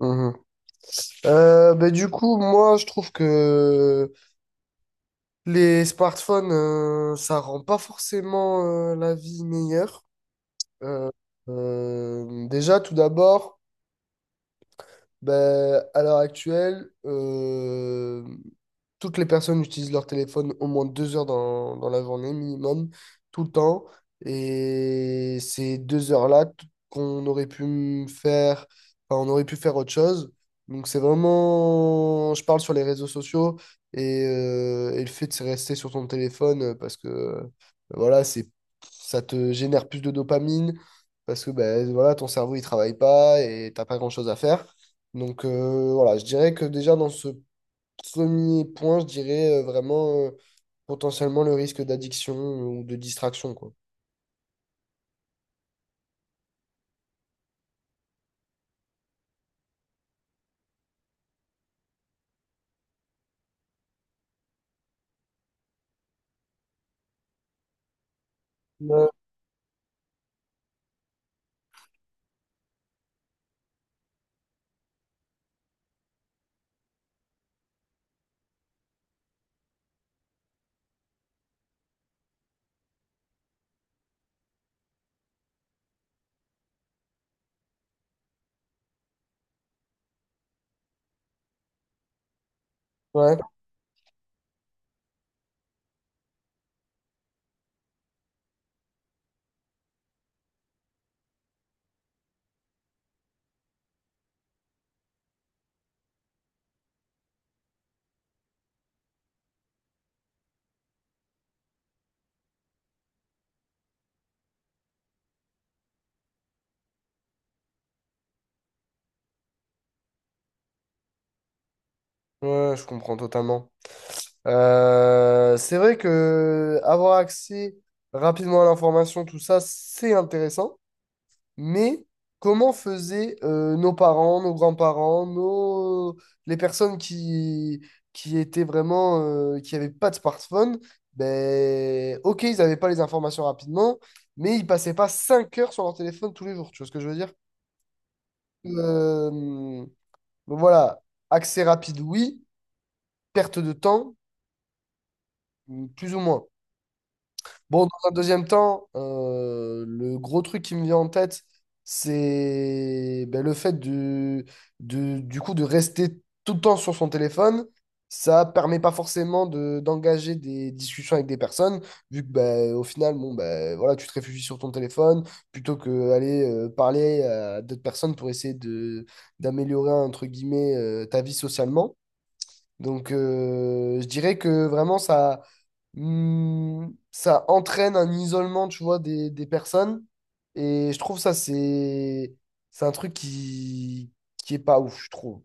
Mhm. Du coup, moi, je trouve que les smartphones, ça rend pas forcément la vie meilleure. Euh, Déjà, tout d'abord, ben, à l'heure actuelle, toutes les personnes utilisent leur téléphone au moins 2 heures dans la journée minimum, tout le temps. Et ces deux heures-là qu'on aurait pu me faire, enfin, on aurait pu faire autre chose. Donc c'est vraiment, je parle sur les réseaux sociaux et le fait de se rester sur ton téléphone parce que voilà, ça te génère plus de dopamine parce que ben, voilà, ton cerveau il travaille pas et t'as pas grand-chose à faire. Donc voilà, je dirais que déjà dans ce premier point, je dirais vraiment potentiellement le risque d'addiction ou de distraction, quoi. Ouais, ouais, ouais, je comprends totalement. C'est vrai que avoir accès rapidement à l'information, tout ça, c'est intéressant. Mais comment faisaient nos parents, nos grands-parents, nos... les personnes qui étaient vraiment, qui n'avaient pas de smartphone? Ben, ok, ils n'avaient pas les informations rapidement, mais ils passaient pas 5 heures sur leur téléphone tous les jours. Tu vois ce que je veux dire? Euh, donc voilà, accès rapide, oui. Perte de temps, plus ou moins. Bon, dans un deuxième temps, le gros truc qui me vient en tête, c'est ben, le fait du coup de rester tout le temps sur son téléphone. Ça permet pas forcément d'engager des discussions avec des personnes, vu que ben, au final, bon, ben, voilà, tu te réfugies sur ton téléphone plutôt que aller parler à d'autres personnes pour essayer de d'améliorer entre guillemets ta vie socialement. Donc, je dirais que vraiment, ça, ça entraîne un isolement, tu vois, des personnes. Et je trouve ça, c'est un truc qui est pas ouf, je trouve.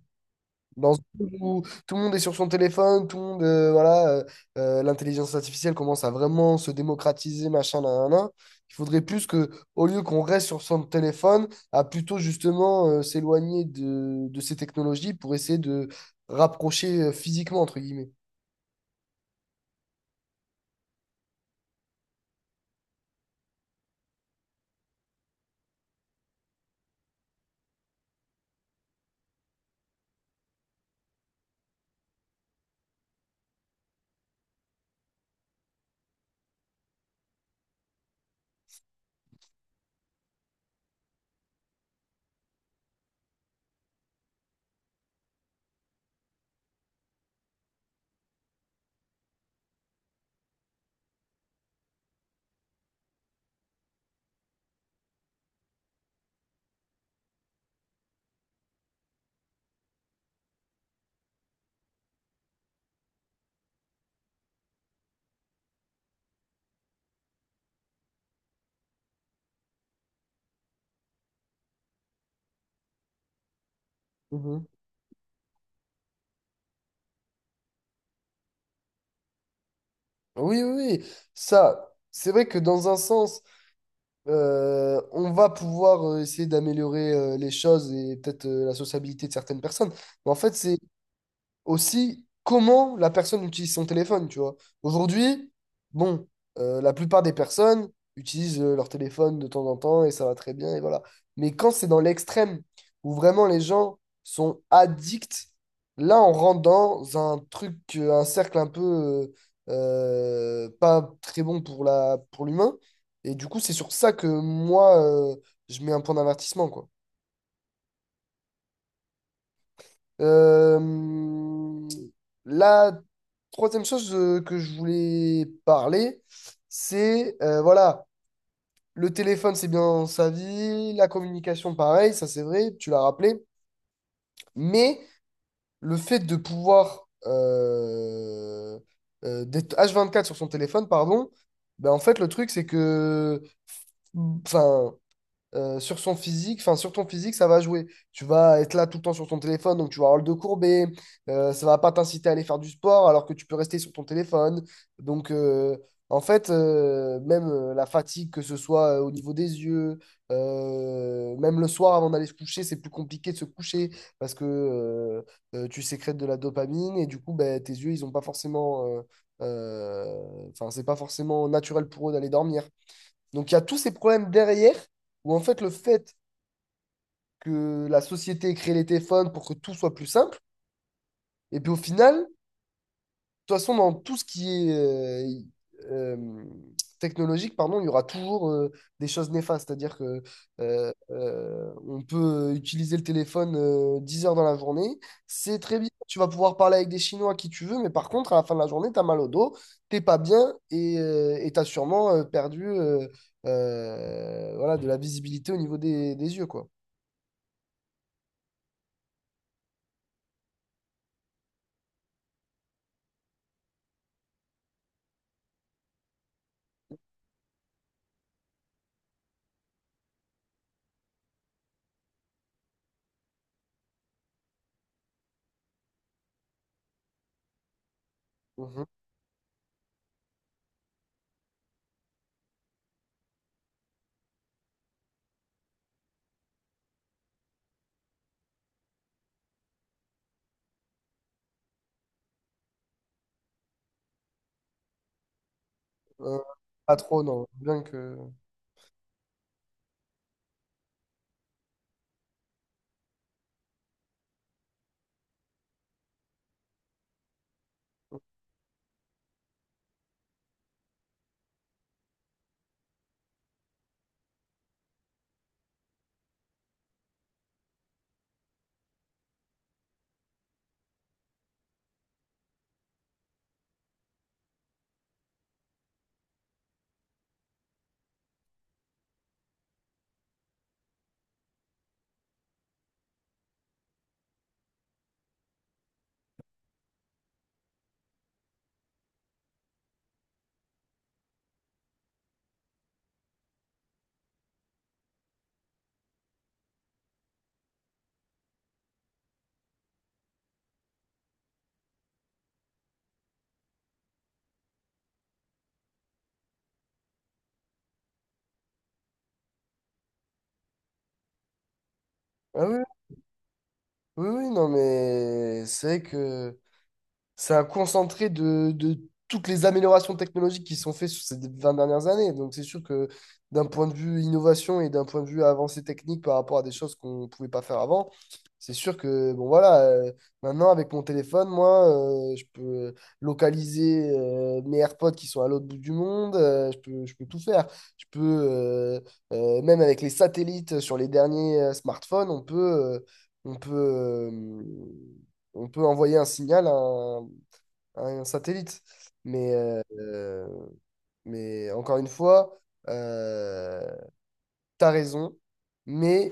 Dans ce monde où tout le monde est sur son téléphone, tout le monde, l'intelligence artificielle commence à vraiment se démocratiser, machin, nan, nan, nan. Il faudrait plus que, au lieu qu'on reste sur son téléphone, à plutôt justement s'éloigner de ces technologies pour essayer de rapprocher physiquement, entre guillemets. Mhm. Oui, oui, oui. Ça, c'est vrai que dans un sens, on va pouvoir essayer d'améliorer les choses et peut-être la sociabilité de certaines personnes. Mais en fait, c'est aussi comment la personne utilise son téléphone, tu vois. Aujourd'hui, bon, la plupart des personnes utilisent leur téléphone de temps en temps et ça va très bien et voilà. Mais quand c'est dans l'extrême, où vraiment les gens sont addicts, là on rentre dans un truc, un cercle un peu pas très bon pour la, pour l'humain. Et du coup, c'est sur ça que moi, je mets un point d'avertissement, quoi. Euh, la troisième chose que je voulais parler, c'est voilà, le téléphone, c'est bien sa vie, la communication, pareil, ça c'est vrai, tu l'as rappelé, mais le fait de pouvoir d'être H24 sur son téléphone, pardon, ben en fait, le truc, c'est que, enfin, sur son physique, enfin sur ton physique, ça va jouer. Tu vas être là tout le temps sur ton téléphone, donc tu vas avoir le dos courbé, ça va pas t'inciter à aller faire du sport alors que tu peux rester sur ton téléphone. Donc en fait, même la fatigue, que ce soit au niveau des yeux, même le soir avant d'aller se coucher, c'est plus compliqué de se coucher parce que tu sécrètes de la dopamine et du coup, ben, tes yeux, ils ont pas forcément... Enfin, c'est pas forcément naturel pour eux d'aller dormir. Donc il y a tous ces problèmes derrière où en fait le fait que la société ait créé les téléphones pour que tout soit plus simple, et puis au final, toute façon, dans tout ce qui est euh, technologique, pardon, il y aura toujours des choses néfastes. C'est-à-dire que on peut utiliser le téléphone 10 heures dans la journée. C'est très bien. Tu vas pouvoir parler avec des Chinois à qui tu veux, mais par contre, à la fin de la journée, tu as mal au dos, t'es pas bien et tu as sûrement perdu, voilà, de la visibilité au niveau des yeux, quoi. Mhm. Euh, Pas trop, non. Bien que... Ah oui, oui, oui, non, mais c'est vrai que... c'est un concentré de toutes les améliorations technologiques qui sont faites sur ces 20 dernières années. Donc, c'est sûr que d'un point de vue innovation et d'un point de vue avancée technique par rapport à des choses qu'on ne pouvait pas faire avant, c'est sûr que, bon, voilà, maintenant, avec mon téléphone, moi, je peux localiser mes AirPods qui sont à l'autre bout du monde, je peux tout faire. Je peux, euh, Même avec les satellites sur les derniers smartphones, euh, on peut, euh, on peut envoyer un signal à un satellite. Mais, euh, euh, mais encore une fois, euh, t'as raison. Mais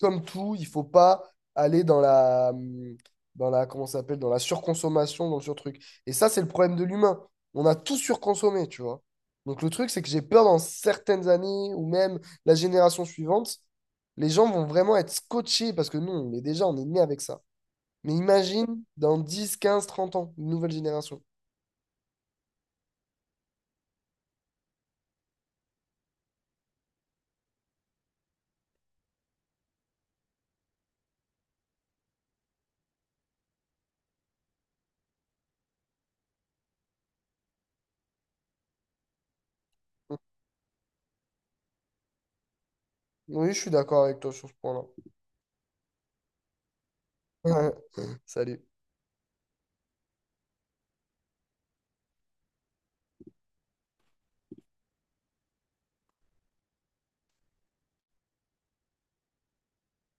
comme tout, il faut pas aller dans la, comment ça s'appelle, dans la surconsommation, dans le surtruc. Et ça, c'est le problème de l'humain. On a tout surconsommé, tu vois. Donc le truc, c'est que j'ai peur dans certaines années ou même la génération suivante, les gens vont vraiment être scotchés parce que nous, on est déjà, on est né avec ça. Mais imagine dans 10 15 30 ans, une nouvelle génération. Oui, je suis d'accord avec toi sur ce point-là. Salut.